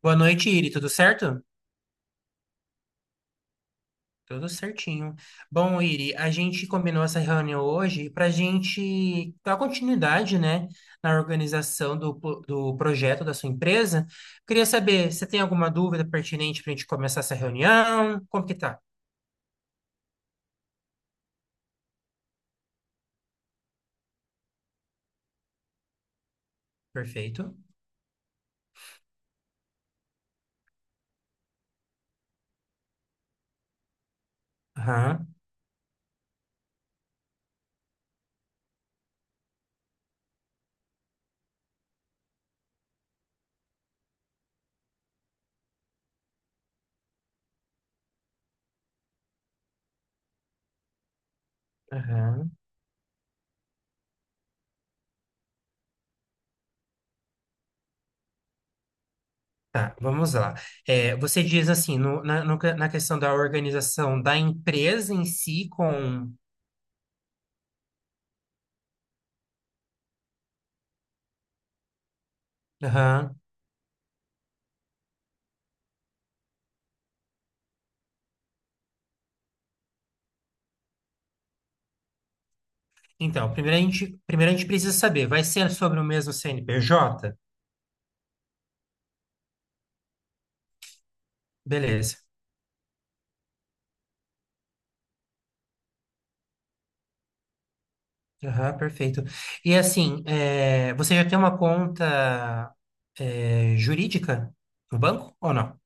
Boa noite, Iri. Tudo certo? Tudo certinho. Bom, Iri, a gente combinou essa reunião hoje para a gente dar continuidade, né, na organização do projeto da sua empresa. Queria saber, você tem alguma dúvida pertinente para a gente começar essa reunião? Como que tá? Perfeito. Aham, aham. Tá, vamos lá. É, você diz assim, na questão da organização da empresa em si com... Aham. Então, primeiro a gente precisa saber, vai ser sobre o mesmo CNPJ? Beleza. Aham, perfeito. E assim, é, você já tem uma conta, é, jurídica no banco ou não?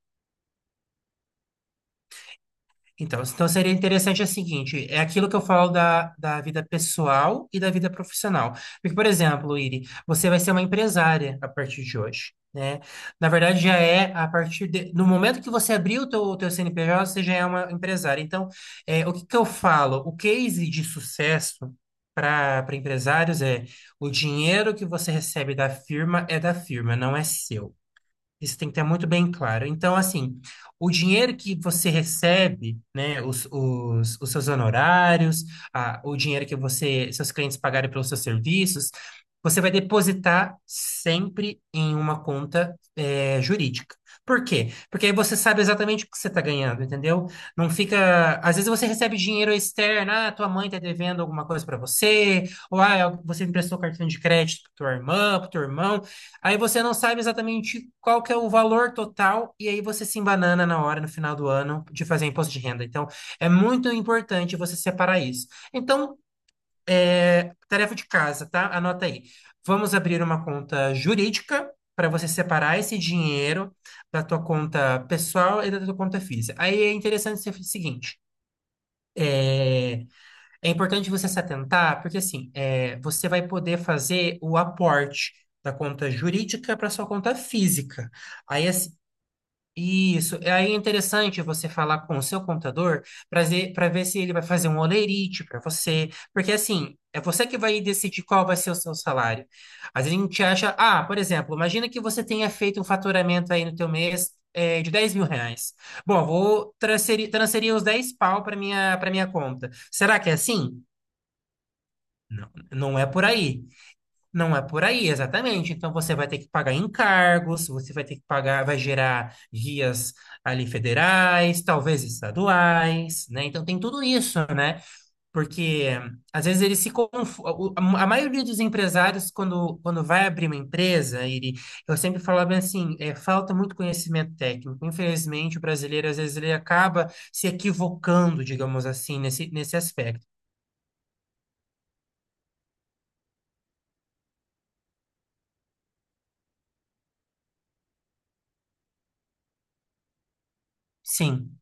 Então, seria interessante é o seguinte, é aquilo que eu falo da vida pessoal e da vida profissional. Porque, por exemplo, Iri, você vai ser uma empresária a partir de hoje, né? Na verdade, já é a partir de, no momento que você abrir o teu CNPJ, você já é uma empresária. Então, é, o que que eu falo? O case de sucesso para empresários é o dinheiro que você recebe da firma é da firma, não é seu. Isso tem que ter muito bem claro. Então, assim, o dinheiro que você recebe, né, os seus honorários, o dinheiro que você, seus clientes pagarem pelos seus serviços, você vai depositar sempre em uma conta, jurídica. Por quê? Porque aí você sabe exatamente o que você está ganhando, entendeu? Não fica. Às vezes você recebe dinheiro externo, ah, tua mãe está devendo alguma coisa para você, ou ah, você emprestou cartão de crédito para tua irmã, para teu irmão. Aí você não sabe exatamente qual que é o valor total e aí você se embanana na hora, no final do ano, de fazer imposto de renda. Então, é muito importante você separar isso. Então, é, tarefa de casa, tá? Anota aí. Vamos abrir uma conta jurídica para você separar esse dinheiro da tua conta pessoal e da tua conta física. Aí é interessante ser o seguinte. É, é importante você se atentar, porque assim, é, você vai poder fazer o aporte da conta jurídica para sua conta física. Aí, assim, isso. Aí é interessante você falar com o seu contador para ver, se ele vai fazer um holerite para você. Porque assim, é você que vai decidir qual vai ser o seu salário. Às vezes a gente acha, ah, por exemplo, imagina que você tenha feito um faturamento aí no teu mês. É, de R$ 10.000. Bom, transferir os 10 pau para minha conta. Será que é assim? Não, não é por aí. Não é por aí, exatamente. Então você vai ter que pagar encargos, você vai ter que pagar, vai gerar guias ali federais, talvez estaduais, né? Então tem tudo isso, né? Porque às vezes eles se confundem. A maioria dos empresários, quando vai abrir uma empresa, ele, eu sempre falava assim, é, falta muito conhecimento técnico. Infelizmente, o brasileiro, às vezes, ele acaba se equivocando, digamos assim, nesse aspecto. Sim.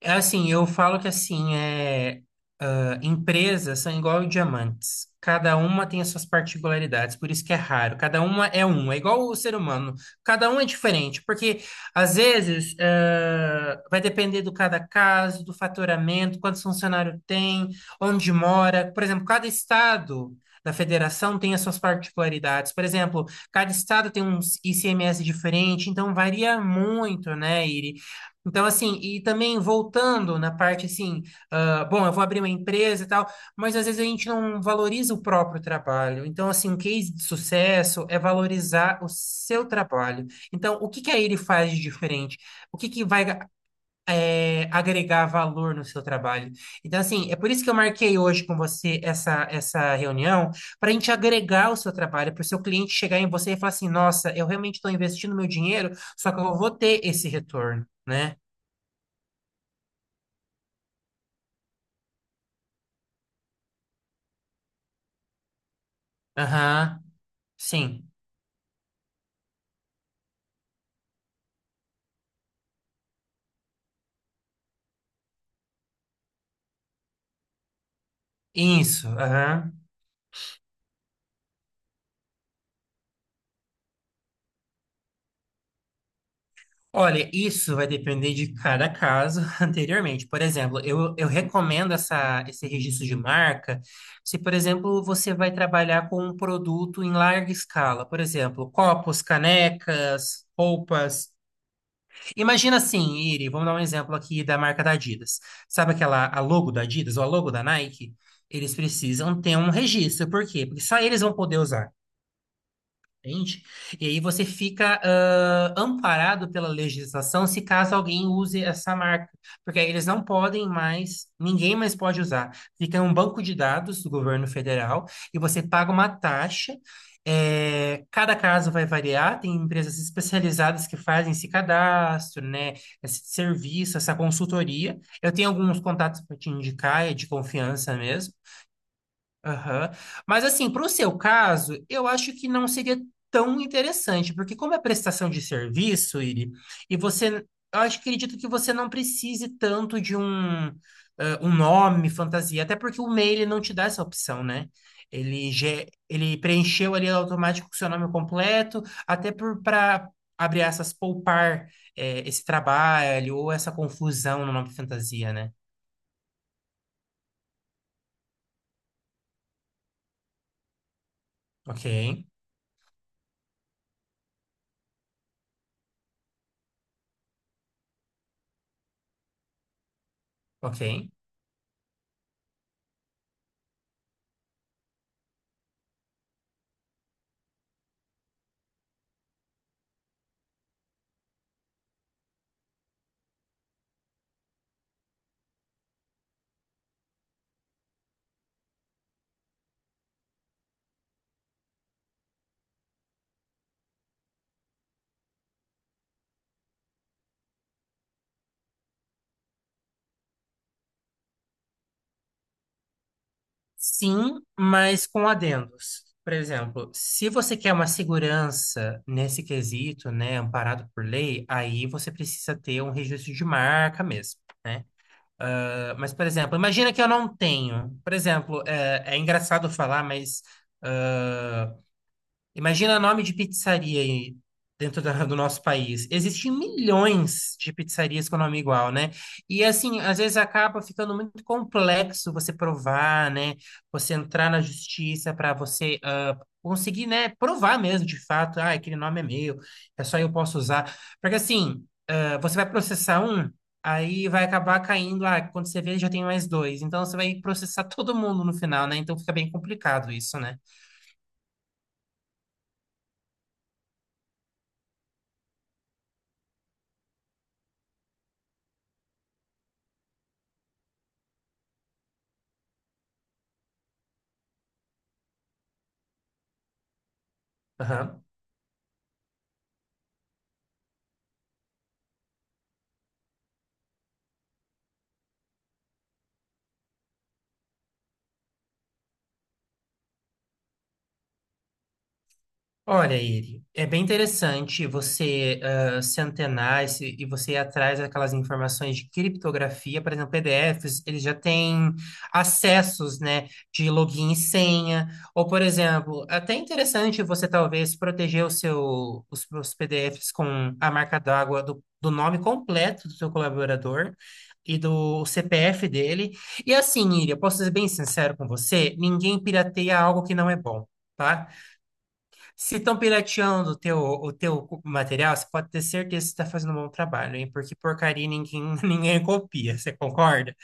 É assim, eu falo que assim, é, ah, empresas são igual diamantes. Cada uma tem as suas particularidades, por isso que é raro. Cada uma é um, é igual o ser humano. Cada um é diferente, porque às vezes ah, vai depender do cada caso, do faturamento, quantos funcionários tem, onde mora. Por exemplo, cada estado da federação tem as suas particularidades. Por exemplo, cada estado tem um ICMS diferente, então varia muito, né? Então, assim, e também voltando na parte assim, ah, bom, eu vou abrir uma empresa e tal, mas às vezes a gente não valoriza o próprio trabalho. Então, assim, um case de sucesso é valorizar o seu trabalho. Então, o que que aí ele faz de diferente? O que que vai, agregar valor no seu trabalho? Então, assim, é por isso que eu marquei hoje com você essa, essa reunião, para a gente agregar o seu trabalho, para o seu cliente chegar em você e falar assim: nossa, eu realmente estou investindo meu dinheiro, só que eu vou ter esse retorno. Né? Aham, sim, isso, aham. Olha, isso vai depender de cada caso anteriormente. Por exemplo, eu recomendo essa, esse registro de marca se, por exemplo, você vai trabalhar com um produto em larga escala. Por exemplo, copos, canecas, roupas. Imagina assim, Iri, vamos dar um exemplo aqui da marca da Adidas. Sabe aquela a logo da Adidas ou a logo da Nike? Eles precisam ter um registro. Por quê? Porque só eles vão poder usar. Entende? E aí você fica ah, amparado pela legislação se caso alguém use essa marca, porque aí eles não podem mais, ninguém mais pode usar. Fica em um banco de dados do governo federal e você paga uma taxa. Eh, cada caso vai variar, tem empresas especializadas que fazem esse cadastro, né, esse serviço, essa consultoria. Eu tenho alguns contatos para te indicar, é de confiança mesmo. Aham. Mas assim, para o seu caso, eu acho que não seria tão interessante, porque como é prestação de serviço, Iri, e você, eu acho que acredito que você não precise tanto de um, um nome, fantasia, até porque o e-mail ele não te dá essa opção, né? Ele, ele preencheu ali automático o seu nome completo, até por para abrir essas poupar eh, esse trabalho ou essa confusão no nome fantasia, né? Ok, ok. Sim, mas com adendos. Por exemplo, se você quer uma segurança nesse quesito, né, amparado por lei, aí você precisa ter um registro de marca mesmo, né? Ah, mas, por exemplo, imagina que eu não tenho. Por exemplo, é engraçado falar, mas ah, imagina nome de pizzaria aí dentro do nosso país. Existem milhões de pizzarias com nome igual, né? E assim, às vezes acaba ficando muito complexo você provar, né? Você entrar na justiça para você ah, conseguir, né, provar mesmo de fato, ah, aquele nome é meu, é só eu posso usar. Porque assim, ah, você vai processar um, aí vai acabar caindo, ah, quando você vê já tem mais 2. Então você vai processar todo mundo no final, né? Então fica bem complicado isso, né? Aham. Olha, Iri, é bem interessante você ah, se antenar e, se- e você ir atrás daquelas informações de criptografia, por exemplo, PDFs, eles já têm acessos, né, de login e senha, ou, por exemplo, até interessante você talvez proteger os seus PDFs com a marca d'água do nome completo do seu colaborador e do CPF dele. E assim, Iri, eu posso ser bem sincero com você, ninguém pirateia algo que não é bom. Tá? Se estão pirateando o teu material, você pode ter certeza que você está fazendo um bom trabalho, hein? Porque porcaria ninguém, ninguém copia, você concorda?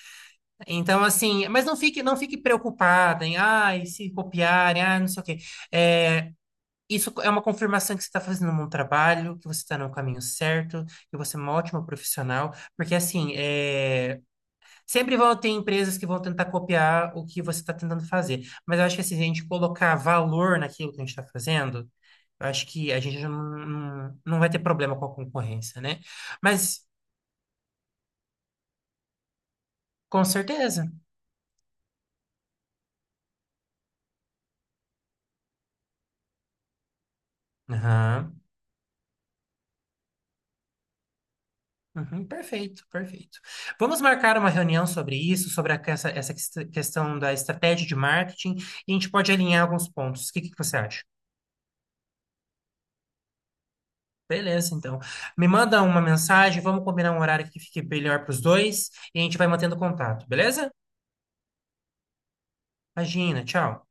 Então, assim, mas não fique preocupada em, ah, e se copiarem, ah, não sei o quê. É, isso é uma confirmação que você está fazendo um bom trabalho, que você está no caminho certo, que você é uma ótima profissional, porque, assim, é. Sempre vão ter empresas que vão tentar copiar o que você está tentando fazer. Mas eu acho que assim, se a gente colocar valor naquilo que a gente está fazendo, eu acho que a gente não, não, não vai ter problema com a concorrência, né? Mas com certeza. Aham. Uhum, perfeito, perfeito. Vamos marcar uma reunião sobre isso, essa, essa questão da estratégia de marketing, e a gente pode alinhar alguns pontos. O que que você acha? Beleza, então. Me manda uma mensagem, vamos combinar um horário que fique melhor para os dois e a gente vai mantendo contato, beleza? Imagina, tchau.